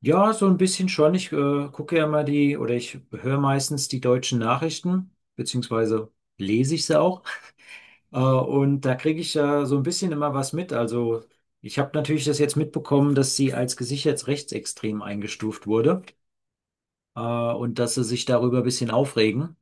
Ja, so ein bisschen schon. Ich gucke ja mal die oder ich höre meistens die deutschen Nachrichten, beziehungsweise lese ich sie auch. Und da kriege ich ja so ein bisschen immer was mit. Also ich habe natürlich das jetzt mitbekommen, dass sie als gesichert rechtsextrem eingestuft wurde und dass sie sich darüber ein bisschen aufregen.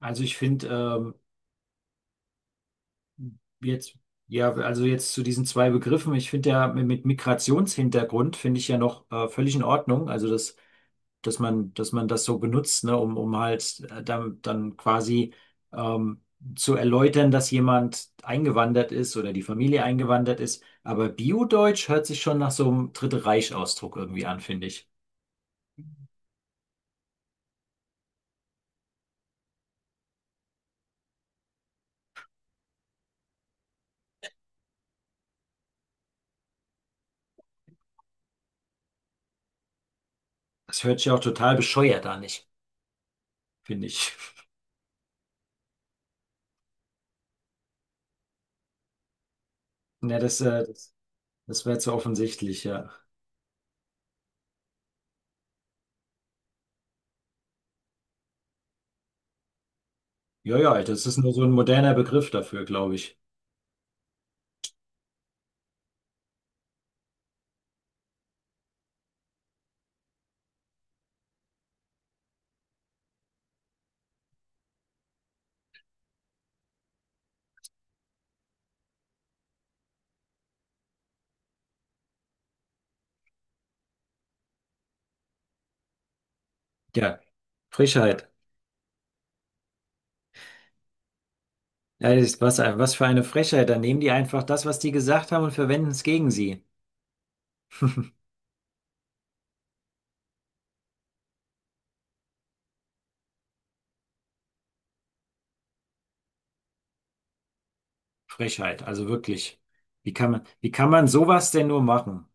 Also ich finde jetzt, ja, also jetzt zu diesen zwei Begriffen, ich finde ja mit Migrationshintergrund finde ich ja noch völlig in Ordnung. Also dass man das so benutzt, ne, um halt dann quasi ähm, zu erläutern, dass jemand eingewandert ist oder die Familie eingewandert ist. Aber Bio-Deutsch hört sich schon nach so einem Dritte Reich-Ausdruck irgendwie an, finde ich. Das hört sich auch total bescheuert an, finde ich. Ja, das wäre zu offensichtlich, ja. Ja, ja, das ist nur so ein moderner Begriff dafür, glaube ich. Ja, Frechheit. Ja, das ist was für eine Frechheit. Dann nehmen die einfach das, was die gesagt haben und verwenden es gegen sie. Frechheit, also wirklich. Wie kann man sowas denn nur machen?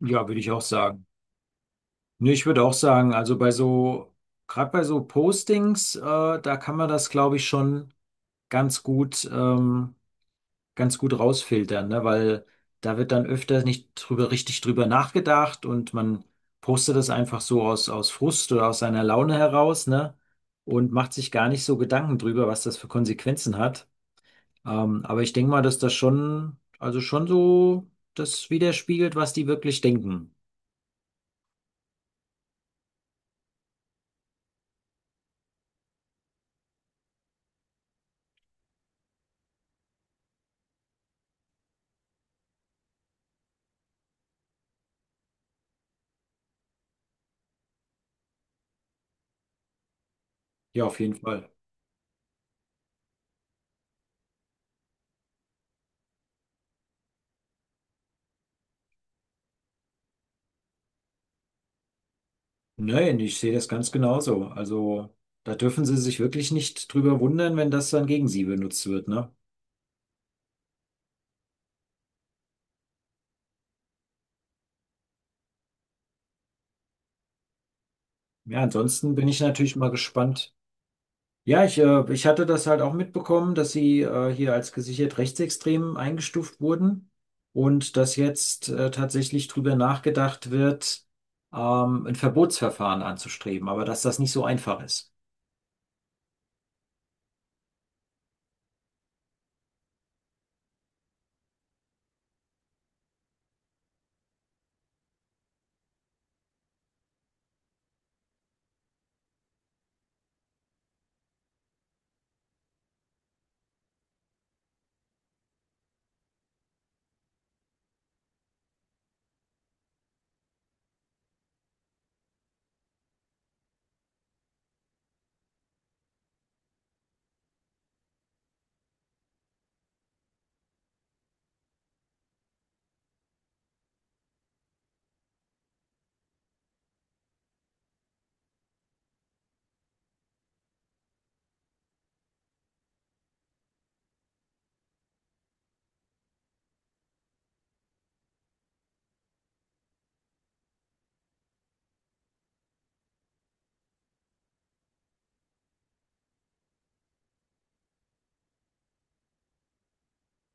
Ja, würde ich auch sagen. Nee, ich würde auch sagen, also gerade bei so Postings, da kann man das, glaube ich, ganz gut, ähm, ganz gut rausfiltern, ne? Weil da wird dann öfter nicht drüber, richtig drüber nachgedacht und man postet das einfach so aus Frust oder aus seiner Laune heraus, ne? Und macht sich gar nicht so Gedanken drüber, was das für Konsequenzen hat. Aber ich denke mal, dass das schon so das widerspiegelt, was die wirklich denken. Ja, auf jeden Fall. Nein, ich sehe das ganz genauso. Also da dürfen sie sich wirklich nicht drüber wundern, wenn das dann gegen sie benutzt wird, ne? Ja, ansonsten bin ich natürlich mal gespannt. Ja, ich hatte das halt auch mitbekommen, dass sie hier als gesichert rechtsextrem eingestuft wurden und dass jetzt tatsächlich drüber nachgedacht wird, ein Verbotsverfahren anzustreben, aber dass das nicht so einfach ist.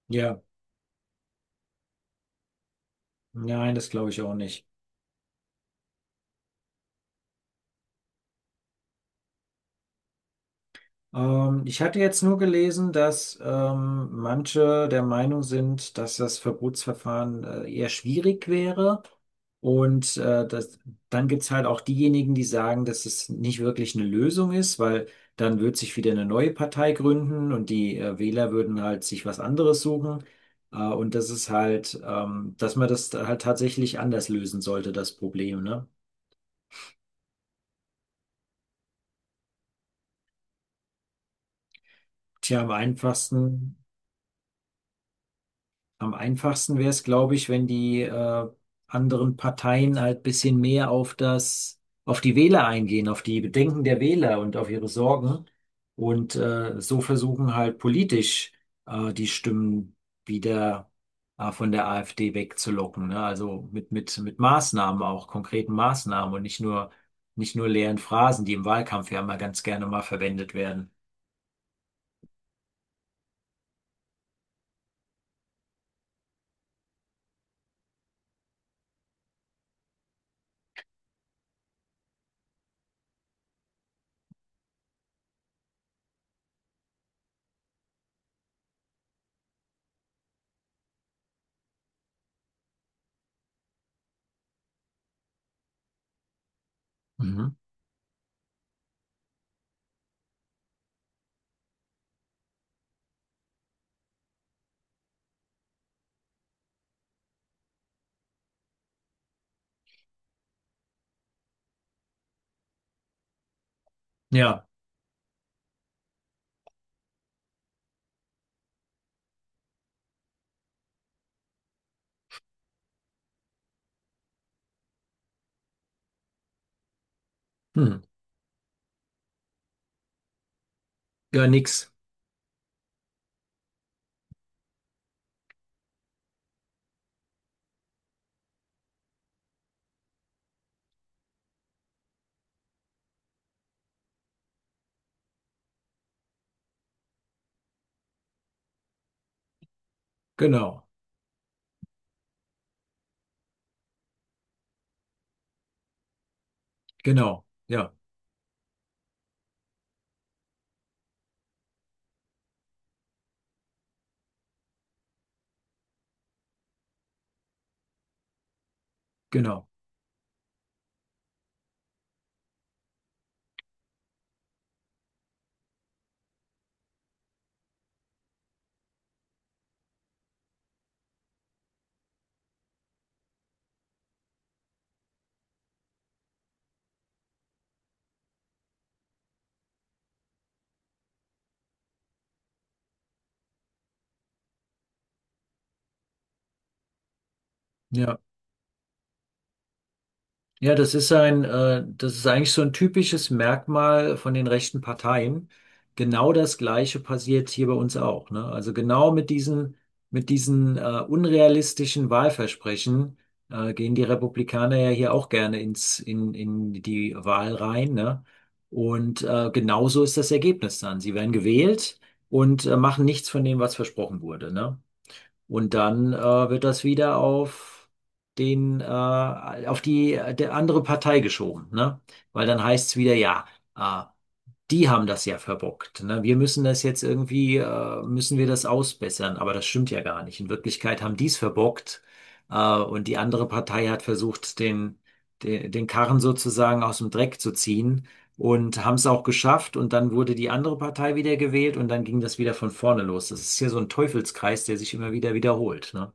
Ja, nein, das glaube ich auch nicht. Ich hatte jetzt nur gelesen, dass manche der Meinung sind, dass das Verbotsverfahren eher schwierig wäre. Und dann gibt es halt auch diejenigen, die sagen, dass es nicht wirklich eine Lösung ist, weil dann wird sich wieder eine neue Partei gründen und die Wähler würden halt sich was anderes suchen. Und das ist halt, dass man das halt tatsächlich anders lösen sollte, das Problem, ne? Tja, am einfachsten wäre es, glaube ich, wenn die anderen Parteien halt bisschen mehr auf auf die Wähler eingehen, auf die Bedenken der Wähler und auf ihre Sorgen und so versuchen halt politisch die Stimmen wieder von der AfD wegzulocken, ne? Also mit Maßnahmen auch, konkreten Maßnahmen und nicht nur nicht nur leeren Phrasen, die im Wahlkampf ja mal ganz gerne mal verwendet werden. Mhm. Ja, hm. Ja, nix. Genau, genau, ja, genau. Ja, ja, das ist das ist eigentlich so ein typisches Merkmal von den rechten Parteien. Genau das Gleiche passiert hier bei uns auch, ne? Also genau mit mit diesen, unrealistischen Wahlversprechen, gehen die Republikaner ja hier auch gerne in die Wahl rein, ne? Und genauso ist das Ergebnis dann. Sie werden gewählt und machen nichts von dem, was versprochen wurde, ne? Und dann wird das wieder auf auf der andere Partei geschoben, ne? Weil dann heißt es wieder, äh, die haben das ja verbockt. Ne? Wir müssen das jetzt irgendwie, müssen wir das ausbessern. Aber das stimmt ja gar nicht. In Wirklichkeit haben die es verbockt, und die andere Partei hat versucht, den Karren sozusagen aus dem Dreck zu ziehen und haben es auch geschafft. Und dann wurde die andere Partei wieder gewählt und dann ging das wieder von vorne los. Das ist hier so ein Teufelskreis, der sich immer wieder wiederholt. Ne?